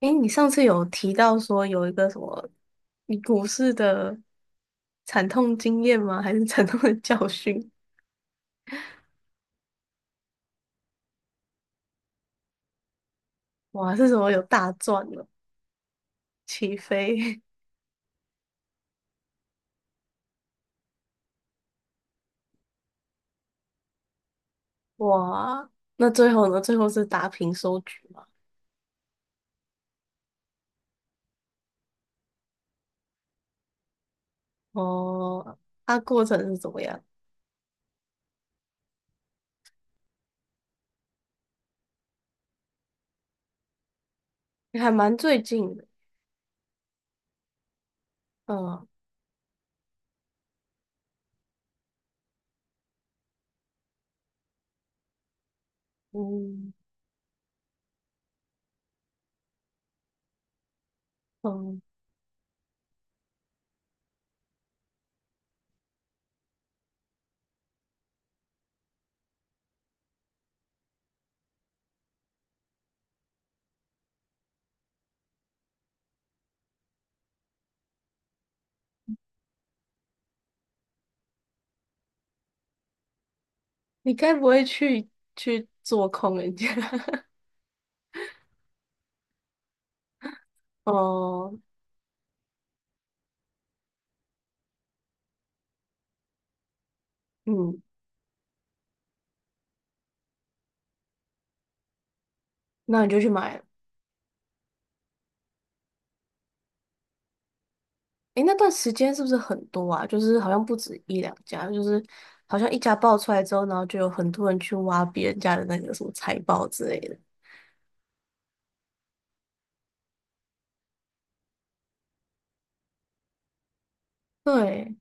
诶，你上次有提到说有一个什么你股市的惨痛经验吗？还是惨痛的教训？哇，是什么有大赚了，起飞？哇，那最后呢？最后是打平收局吗？哦，它过程是怎么样？你还蛮最近的，嗯嗯嗯，你该不会去做空人家？哦，嗯，那你就去买了。诶，那段时间是不是很多啊？就是好像不止一两家，就是好像一家爆出来之后，然后就有很多人去挖别人家的那个什么财宝之类的。对，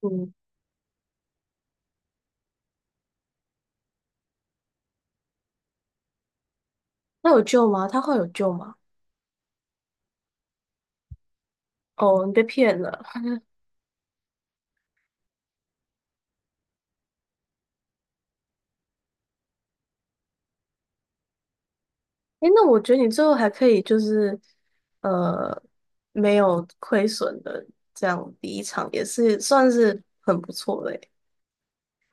嗯，那有救吗？他会有救吗？哦，你被骗了。诶，那我觉得你最后还可以就是，呃，没有亏损的这样离场，也是算是很不错的欸，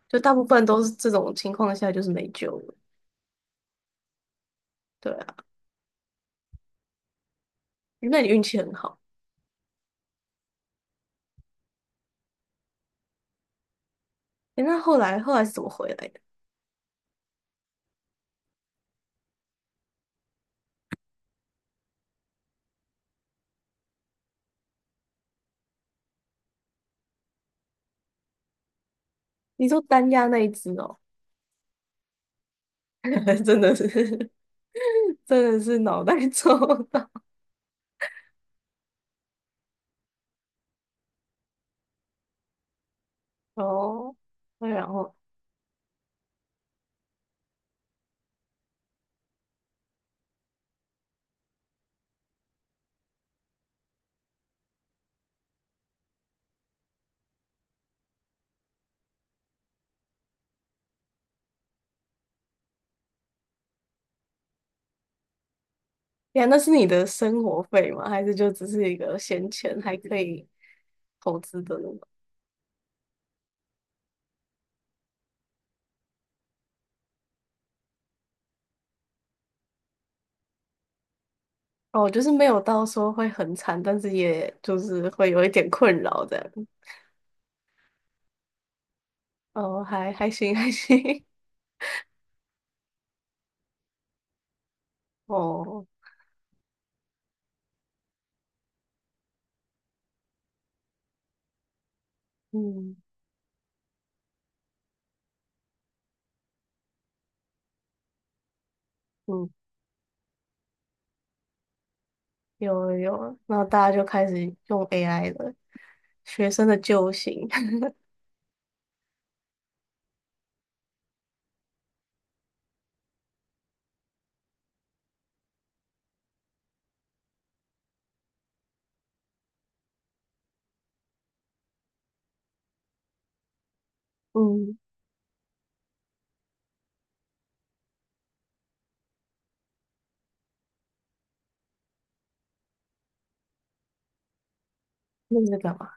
就大部分都是这种情况下就是没救了。对啊，那你运气很好。诶，那后来是怎么回来的？你说单压那一只哦，真的是 真的是脑袋抽到哦。那然后呀，那是你的生活费吗？还是就只是一个闲钱还可以投资的呢？哦，就是没有到说会很惨，但是也就是会有一点困扰这样。哦，还行,还行。哦，嗯嗯，有了有了，然后大家就开始用 AI 了，学生的救星。嗯，那你在干嘛？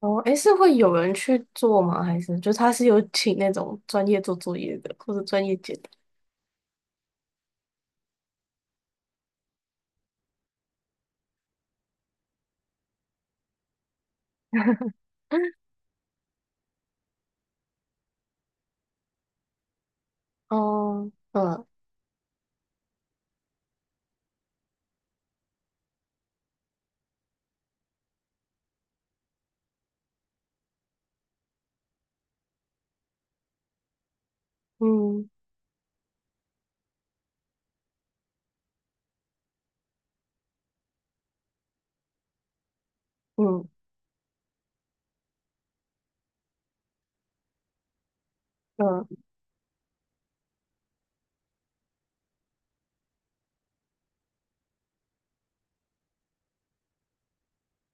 哦，诶，是会有人去做吗？还是就是他是有请那种专业做作业的，或者专业解答？哦，嗯嗯嗯嗯，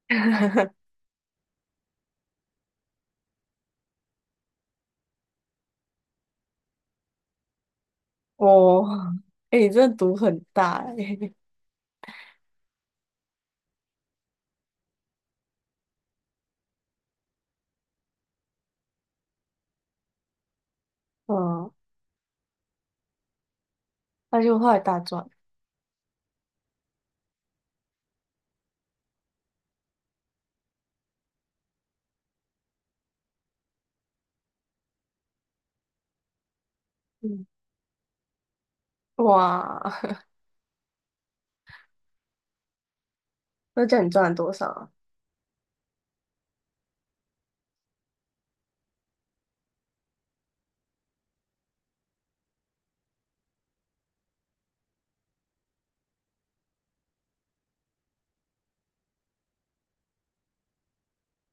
哦，诶，你真的读很大诶，嗯，那就后来大赚，嗯，哇，那这样你赚了多少啊？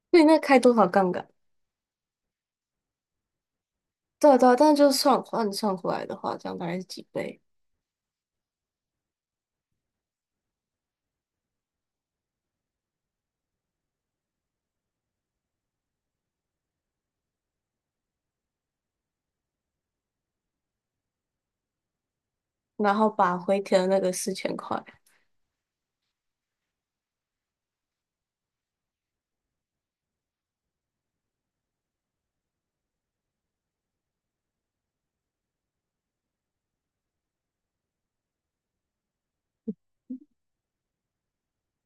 那你那开多少杠杆？对啊对啊，但是就算换算回来的话，这样大概是几倍？然后把回填的那个4000块，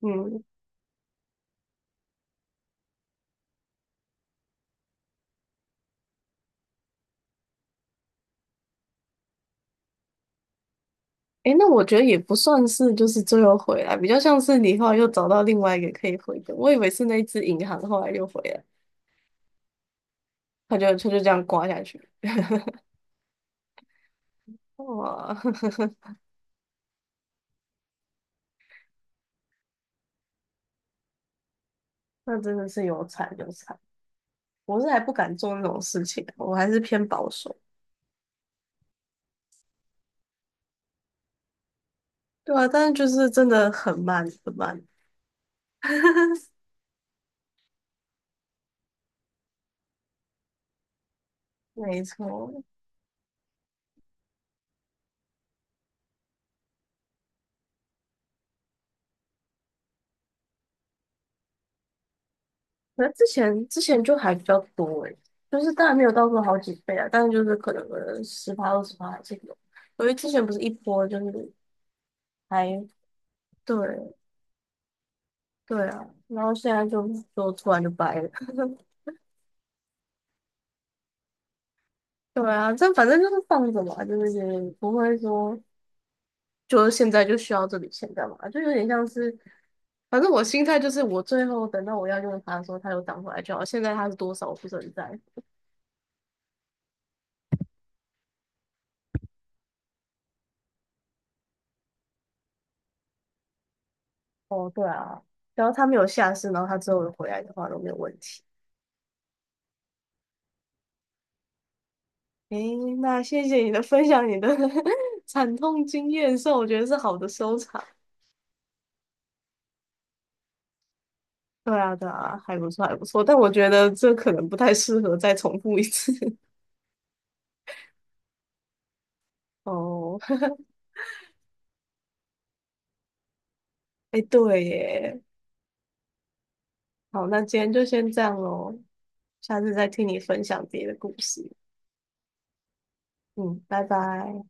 嗯。诶，那我觉得也不算是就是最后回来，比较像是你后来又找到另外一个可以回的。我以为是那一只银行后来又回来，它就它就这样刮下去。哇，那真的是有惨有惨，我是还不敢做那种事情，我还是偏保守。对啊，但是就是真的很慢很慢。没错，可能之前就还比较多诶，就是当然没有到过好几倍啊，但是就是可能10趴20趴还是有。因为之前不是一波就是还对，对啊，然后现在就就突然就掰了。对啊，这反正就是放着嘛，就是也不会说，就是现在就需要这笔钱干嘛，就有点像是，反正我心态就是，我最后等到我要用它的时候，它又涨回来就好。现在它是多少，我不是很在乎。哦，对啊，只要它没有下市，然后它之后有回来的话都没有问题。诶，那谢谢你的分享，你的 惨痛经验，算我觉得是好的收场。对啊，对啊，还不错，还不错，但我觉得这可能不太适合再重复一次。哦，哎，对耶，好，那今天就先这样喽，下次再听你分享别的故事。嗯，拜拜。